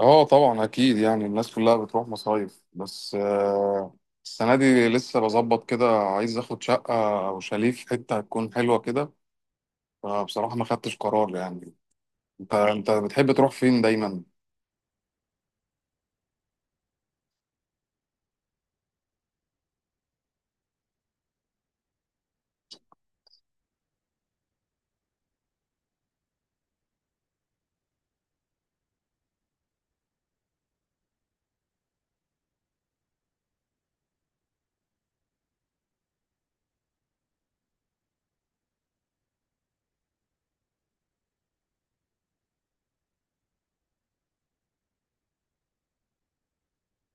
اه طبعا اكيد يعني الناس كلها بتروح مصايف بس السنه دي لسه بظبط كده عايز اخد شقه او شاليه في حته هتكون حلوه كده. فبصراحه ما خدتش قرار يعني. انت بتحب تروح فين دايما؟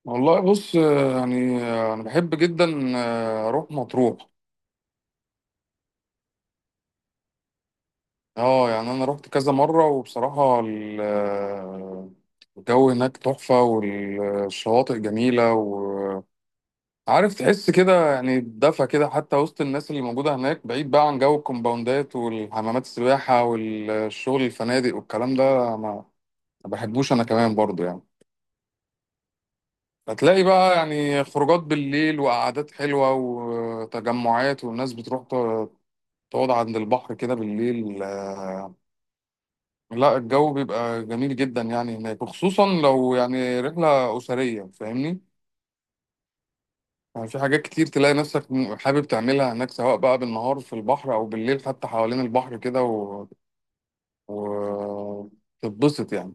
والله بص، يعني انا بحب جدا اروح مطروح. اه يعني انا رحت كذا مره وبصراحه الجو هناك تحفه والشواطئ جميله. عارف تحس كده يعني بدفى كده حتى وسط الناس اللي موجودة هناك، بعيد بقى عن جو الكومباوندات والحمامات السباحة والشغل الفنادق والكلام ده. ما ما بحبوش أنا كمان برضو يعني. هتلاقي بقى يعني خروجات بالليل وقعدات حلوة وتجمعات، والناس بتروح تقعد عند البحر كده بالليل. لا الجو بيبقى جميل جدا يعني هناك، وخصوصا لو يعني رحلة أسرية، فاهمني؟ يعني في حاجات كتير تلاقي نفسك حابب تعملها هناك، سواء بقى بالنهار في البحر او بالليل حتى حوالين البحر كده و... تتبسط يعني.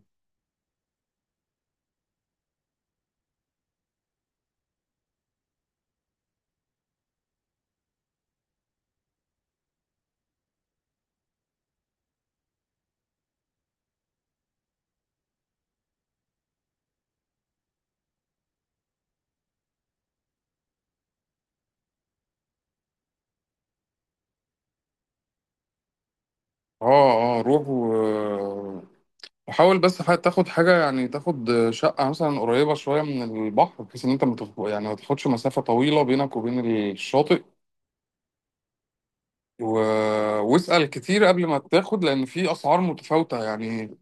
اه اه روح وحاول بس تاخد حاجة، يعني تاخد شقة مثلا قريبة شوية من البحر، بحيث ان انت يعني ما تاخدش مسافة طويلة بينك وبين الشاطئ. و... واسأل كتير قبل ما تاخد، لان في اسعار متفاوتة يعني.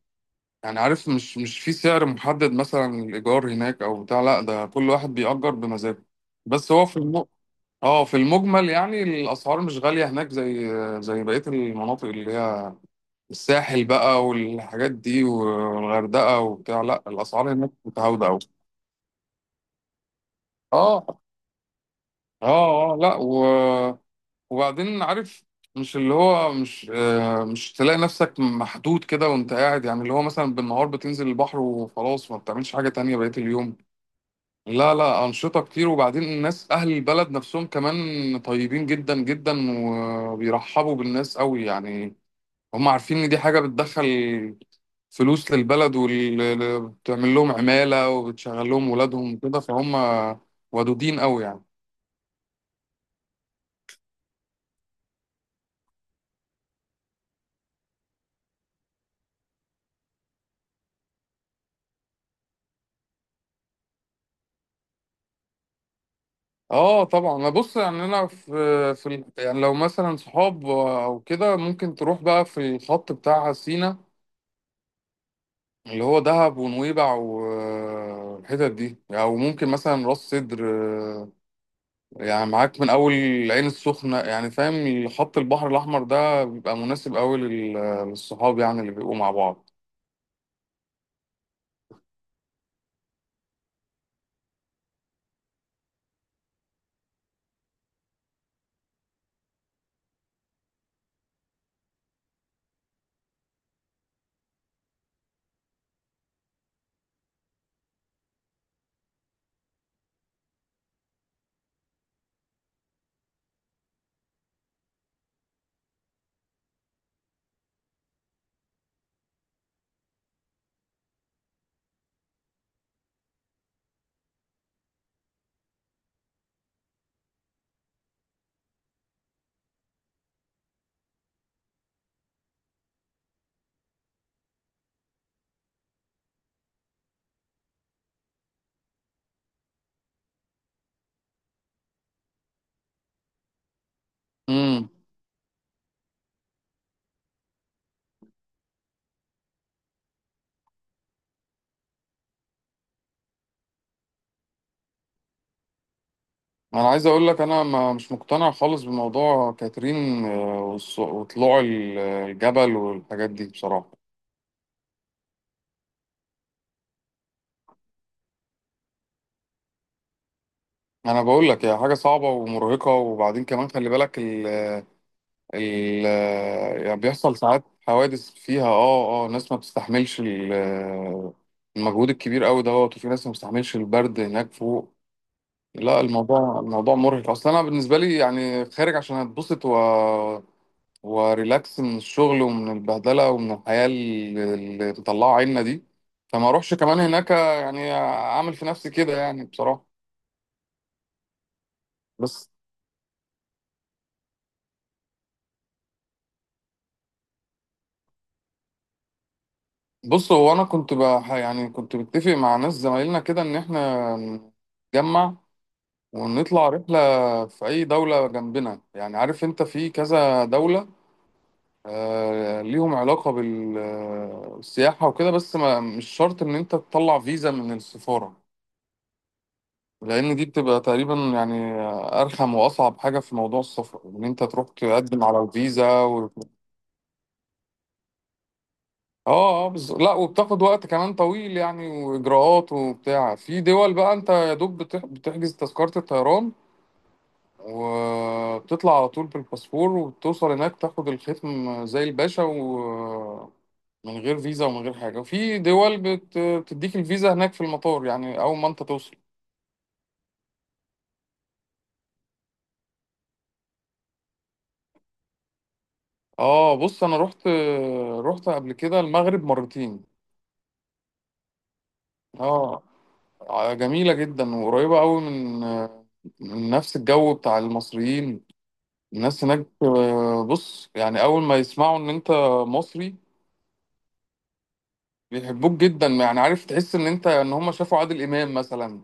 يعني عارف، مش في سعر محدد مثلا الإيجار هناك أو بتاع، لا ده كل واحد بيأجر بمزاجه. بس هو اه في المجمل يعني الأسعار مش غالية هناك زي بقية المناطق اللي هي الساحل بقى والحاجات دي والغردقة وبتاع. لا الأسعار هناك متعودة أوي. اه اه لا، وبعدين عارف، مش اللي هو مش مش تلاقي نفسك محدود كده وانت قاعد. يعني اللي هو مثلا بالنهار بتنزل البحر وخلاص، ما بتعملش حاجة تانية بقية اليوم؟ لا، أنشطة كتير. وبعدين الناس أهل البلد نفسهم كمان طيبين جدا جدا، وبيرحبوا بالناس قوي يعني. هم عارفين إن دي حاجة بتدخل فلوس للبلد وبتعمل لهم عمالة وبتشغل لهم ولادهم وكده، فهم ودودين قوي يعني. اه طبعا. ما بص يعني انا في يعني لو مثلا صحاب او كده، ممكن تروح بقى في الخط بتاع سينا، اللي هو دهب ونويبع والحتت دي، او يعني ممكن مثلا راس سدر. يعني معاك من اول العين السخنه، يعني فاهم، خط البحر الاحمر ده بيبقى مناسب قوي للصحاب يعني اللي بيبقوا مع بعض. امم، انا عايز اقول لك انا ما مش مقتنع خالص بموضوع كاترين، وطلوع الجبل والحاجات دي بصراحه. انا بقول لك هي حاجه صعبه ومرهقه، وبعدين كمان خلي بالك ال يعني بيحصل ساعات حوادث فيها. اه ناس ما بتستحملش المجهود الكبير قوي دوت، وفي ناس ما بتستحملش البرد هناك فوق. لا الموضوع مرهق اصلا. انا بالنسبه لي يعني خارج عشان اتبسط و وريلاكس من الشغل ومن البهدله ومن الحياه اللي مطلعه عنا دي، فما اروحش كمان هناك يعني اعمل في نفسي كده يعني بصراحه. بس بص، هو انا كنت بح، يعني كنت متفق مع ناس زمايلنا كده ان احنا نتجمع ونطلع رحله في اي دوله جنبنا. يعني عارف انت في كذا دوله ليهم علاقة بالسياحة وكده، بس ما مش شرط إن أنت تطلع فيزا من السفارة، لأن دي بتبقى تقريبا يعني أرخم وأصعب حاجة في موضوع السفر إن أنت تروح تقدم على الفيزا آه لا وبتاخد وقت كمان طويل يعني، وإجراءات وبتاع. في دول بقى أنت يا دوب بتحجز تذكرة الطيران وبتطلع على طول بالباسبور، وبتوصل هناك تاخد الختم زي الباشا و من غير فيزا ومن غير حاجة. وفي دول بتديك الفيزا هناك في المطار، يعني أول ما أنت توصل. اه بص، أنا رحت قبل كده المغرب مرتين. اه جميلة جدا وقريبة أوي من نفس الجو بتاع المصريين. الناس هناك، بص يعني، أول ما يسمعوا إن أنت مصري بيحبوك جدا يعني. عارف تحس إن أنت إن هم شافوا عادل إمام مثلا.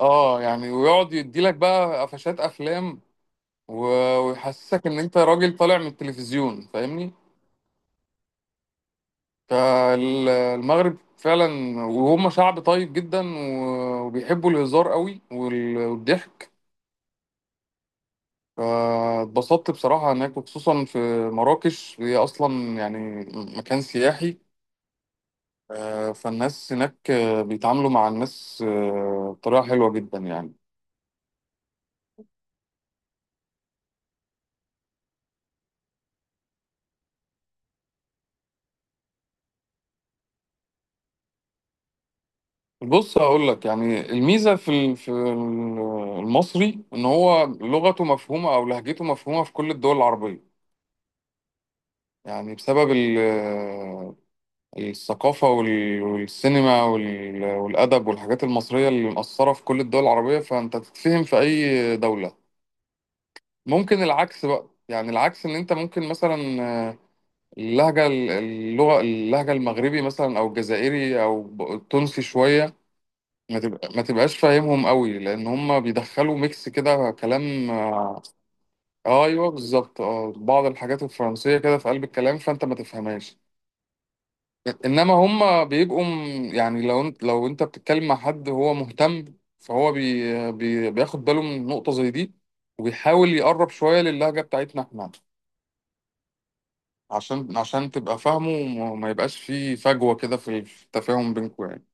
اه يعني ويقعد يديلك بقى قفشات افلام و- ويحسسك ان انت راجل طالع من التلفزيون، فاهمني؟ فالمغرب فعلا، وهم شعب طيب جدا و- وبيحبوا الهزار قوي والضحك. فاتبسطت بصراحة هناك، وخصوصا في مراكش. هي أصلا يعني مكان سياحي. فالناس هناك بيتعاملوا مع الناس بطريقة حلوة جدا يعني. بص هقول لك، يعني الميزه المصري ان هو لغته مفهومه او لهجته مفهومه في كل الدول العربيه. يعني بسبب الثقافه والسينما والادب والحاجات المصريه اللي مأثره في كل الدول العربيه، فانت تتفهم في اي دوله. ممكن العكس بقى، يعني العكس ان انت ممكن مثلا اللهجه المغربي مثلا او الجزائري او التونسي شويه ما تبقى، ما تبقاش فاهمهم قوي، لان هم بيدخلوا ميكس كده كلام. آه. ايوه بالظبط، اه بعض الحاجات الفرنسيه كده في قلب الكلام، فانت ما تفهمهاش. انما هم بيبقوا م، يعني لو انت، لو انت بتتكلم مع حد هو مهتم، فهو بي بي بياخد باله من نقطه زي دي، وبيحاول يقرب شويه للهجه بتاعتنا احنا، عشان تبقى فاهمه، وما ما يبقاش فيه فجوه كده في التفاهم بينكم يعني.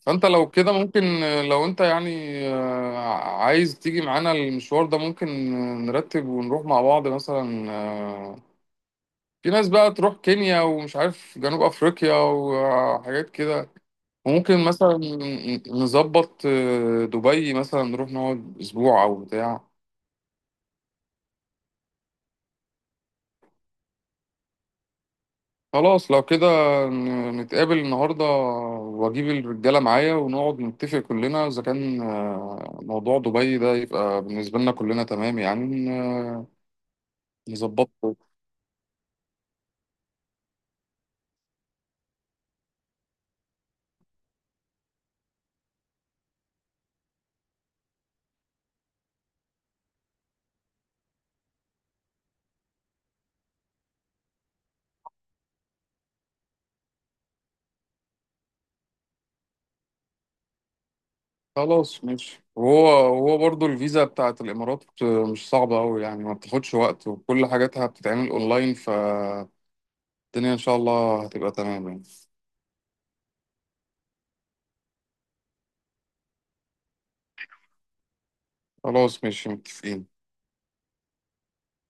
فانت لو كده ممكن، لو انت يعني عايز تيجي معانا المشوار ده، ممكن نرتب ونروح مع بعض. مثلا في ناس بقى تروح كينيا ومش عارف جنوب افريقيا وحاجات كده، وممكن مثلا نظبط دبي مثلا، نروح نقعد اسبوع او بتاع. خلاص لو كده نتقابل النهارده واجيب الرجاله معايا، ونقعد نتفق كلنا اذا كان موضوع دبي ده يبقى بالنسبه لنا كلنا تمام يعني، نظبطه. خلاص ماشي. وهو برضو الفيزا بتاعت الإمارات مش صعبة أوي يعني، ما بتاخدش وقت وكل حاجاتها بتتعمل أونلاين، فالدنيا إن شاء الله هتبقى تمام يعني. خلاص ماشي متفقين.